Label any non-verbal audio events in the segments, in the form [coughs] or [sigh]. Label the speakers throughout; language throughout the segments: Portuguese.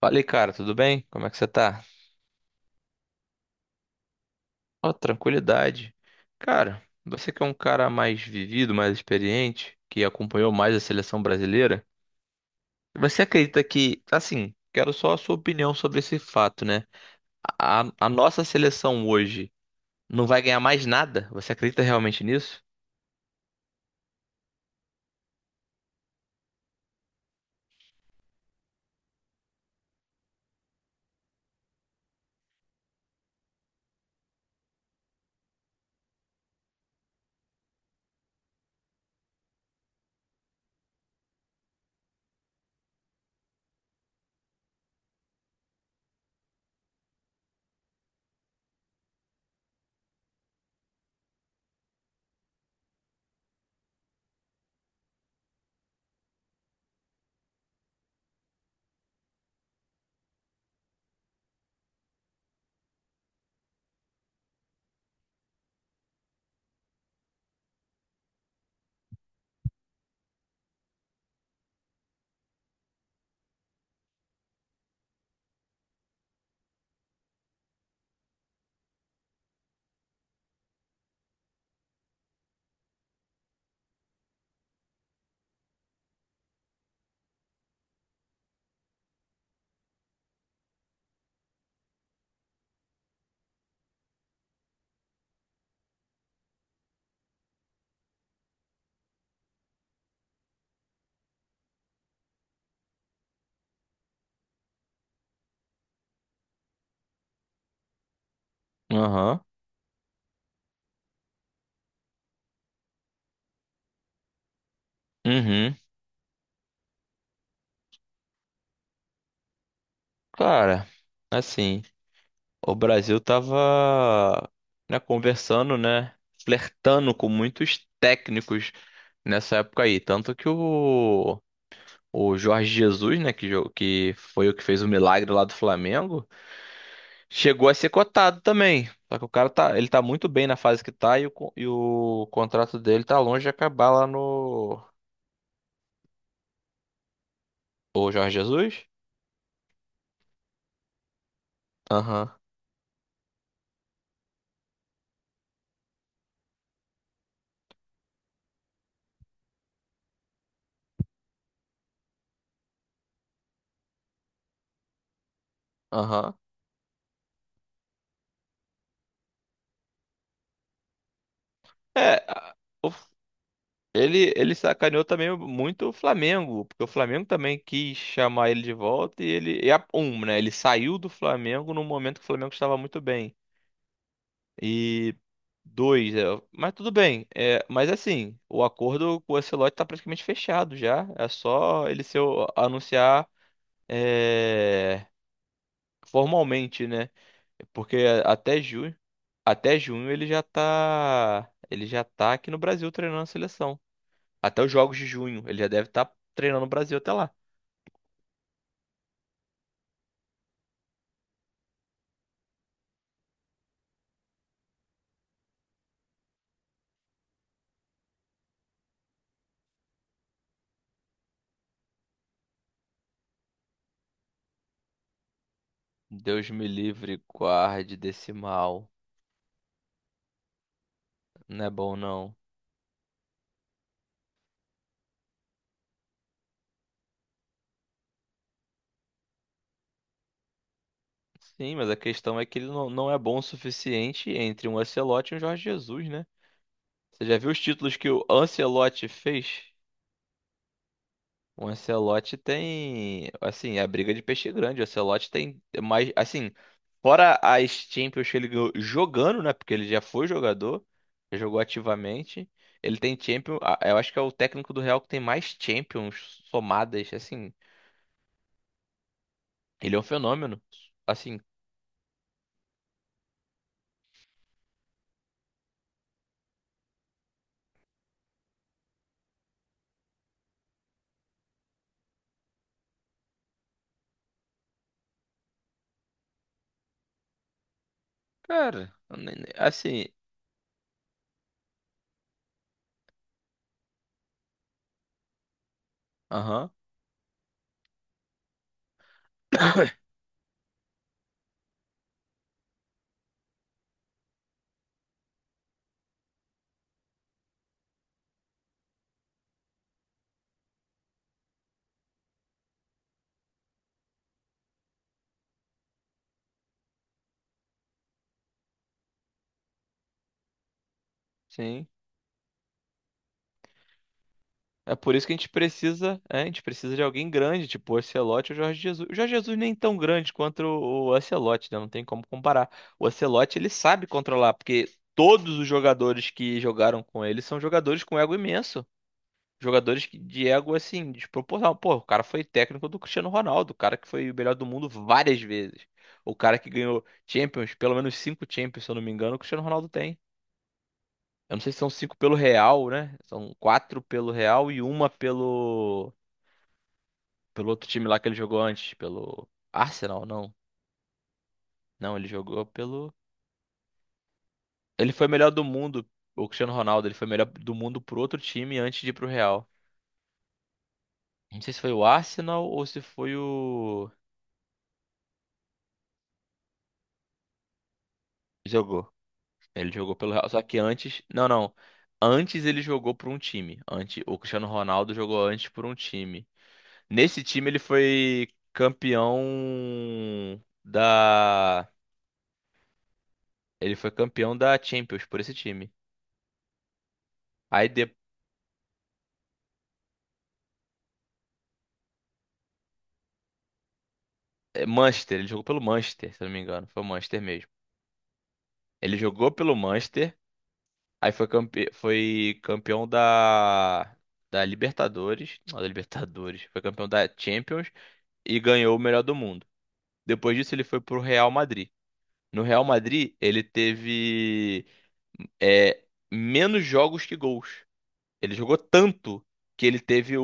Speaker 1: Falei, cara, tudo bem? Como é que você tá? Ó, tranquilidade. Cara, você que é um cara mais vivido, mais experiente, que acompanhou mais a seleção brasileira, você acredita que, assim, quero só a sua opinião sobre esse fato, né? A nossa seleção hoje não vai ganhar mais nada? Você acredita realmente nisso? Aham. Uhum. Cara, assim, o Brasil tava, né, conversando, né, flertando com muitos técnicos nessa época aí. Tanto que o Jorge Jesus, né, que, que foi o que fez o milagre lá do Flamengo, chegou a ser cotado também. Só que o cara tá, ele tá muito bem na fase que tá e e o contrato dele tá longe de acabar lá no. O Jorge Jesus? Aham, aham. É, a- o- ele sacaneou também muito o Flamengo, porque o Flamengo também quis chamar ele de volta e ele. E a, um, né? Ele saiu do Flamengo num momento que o Flamengo estava muito bem. E dois, mas tudo bem. É, mas assim, o acordo com o Ancelotti tá praticamente fechado já. É só ele se anunciar é, formalmente, né? Porque até junho, até junho ele já tá aqui no Brasil treinando a seleção. Até os jogos de junho, ele já deve estar treinando o Brasil até lá. Deus me livre, guarde desse mal. Não é bom, não. Sim, mas a questão é que ele não, não é bom o suficiente entre um Ancelotti e um Jorge Jesus, né? Você já viu os títulos que o Ancelotti fez? O Ancelotti tem, assim, é a briga de peixe grande. O Ancelotti tem mais, assim, fora as Champions que ele ganhou jogando, né? Porque ele já foi jogador, já jogou ativamente. Ele tem Champions, ah, eu acho que é o técnico do Real que tem mais Champions somadas, assim. Ele é um fenômeno. Assim, cara, assim, aham, [coughs] sim. É por isso que a gente precisa de alguém grande, tipo o Ancelotti ou o Jorge Jesus. O Jorge Jesus nem tão grande quanto o Ancelotti, né? Não tem como comparar. O Ancelotti, ele sabe controlar, porque todos os jogadores que jogaram com ele são jogadores com ego imenso. Jogadores de ego, assim, desproporcional. Pô, o cara foi técnico do Cristiano Ronaldo, o cara que foi o melhor do mundo várias vezes. O cara que ganhou Champions, pelo menos cinco Champions, se eu não me engano, o Cristiano Ronaldo tem. Eu não sei se são cinco pelo Real, né? São quatro pelo Real e uma pelo outro time lá que ele jogou antes, pelo Arsenal, não. Não, ele jogou pelo. Ele foi melhor do mundo, o Cristiano Ronaldo, ele foi melhor do mundo pro outro time antes de ir pro Real. Não sei se foi o Arsenal ou se foi o. Jogou. Ele jogou pelo Real, só que antes. Não, não. Antes ele jogou por um time. Antes... O Cristiano Ronaldo jogou antes por um time. Nesse time ele foi campeão da. Ele foi campeão da Champions por esse time. Aí, Manchester, ele jogou pelo Manchester, se eu não me engano. Foi o Manchester mesmo. Ele jogou pelo Manchester, aí foi campeão da... da Libertadores. Não, da Libertadores. Foi campeão da Champions e ganhou o melhor do mundo. Depois disso, ele foi pro Real Madrid. No Real Madrid, ele teve é, menos jogos que gols. Ele jogou tanto que ele teve o,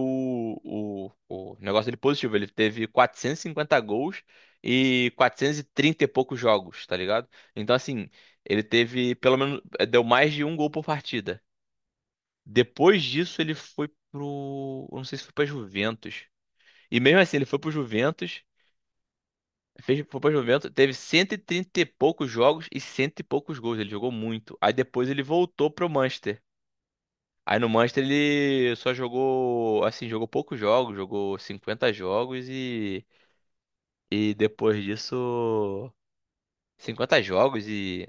Speaker 1: o, o negócio dele positivo. Ele teve 450 gols e 430 e trinta e poucos jogos, tá ligado? Então, assim, ele teve pelo menos. Deu mais de um gol por partida. Depois disso, ele foi pro. Eu não sei se foi pra Juventus. E mesmo assim, ele foi pro Juventus. Fez, foi pra Juventus, teve 130 e trinta e poucos jogos e cento e poucos gols. Ele jogou muito. Aí depois ele voltou pro Manchester. Aí no Manchester ele só jogou, assim, jogou poucos jogos, jogou 50 jogos e depois disso, 50 jogos e,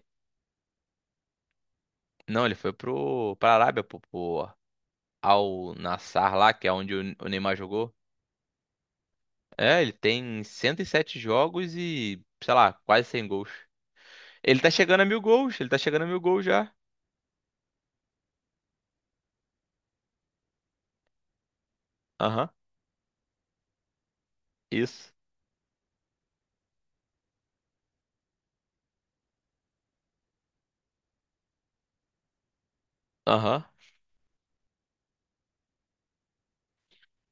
Speaker 1: não, ele foi pra Arábia, pro Al Nassr lá, que é onde o Neymar jogou. É, ele tem 107 jogos e, sei lá, quase 100 gols. Ele tá chegando a mil gols, ele tá chegando a mil gols já. Aham, isso. Aham.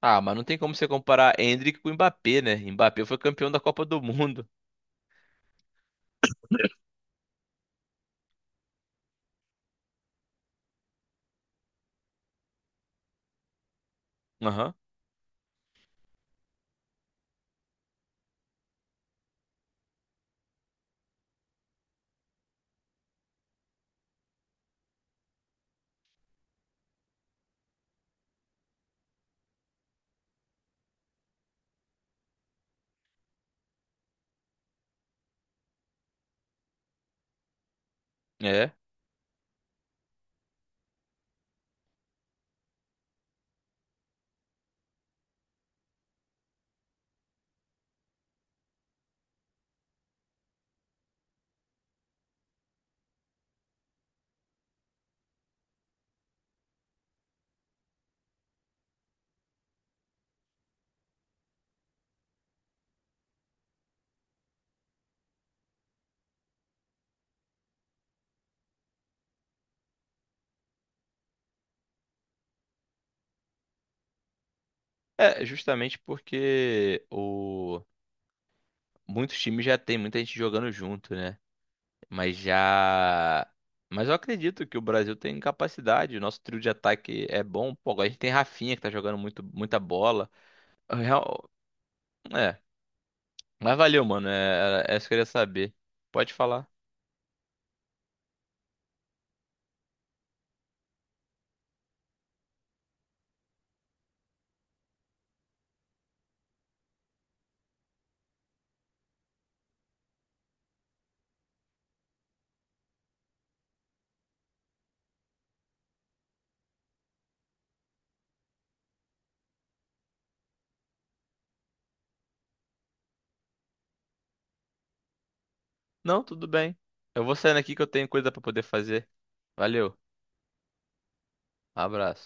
Speaker 1: Ah, mas não tem como você comparar Endrick com o Mbappé, né? Mbappé foi campeão da Copa do Mundo. Aham. É. É, justamente porque muitos times já tem muita gente jogando junto, né? Mas já. Mas eu acredito que o Brasil tem capacidade. O nosso trio de ataque é bom. Pô, agora a gente tem Rafinha que tá jogando muito, muita bola. É, Real- É. Mas valeu, mano. É isso que eu queria saber. Pode falar. Não, tudo bem. Eu vou saindo aqui que eu tenho coisa pra poder fazer. Valeu. Abraço.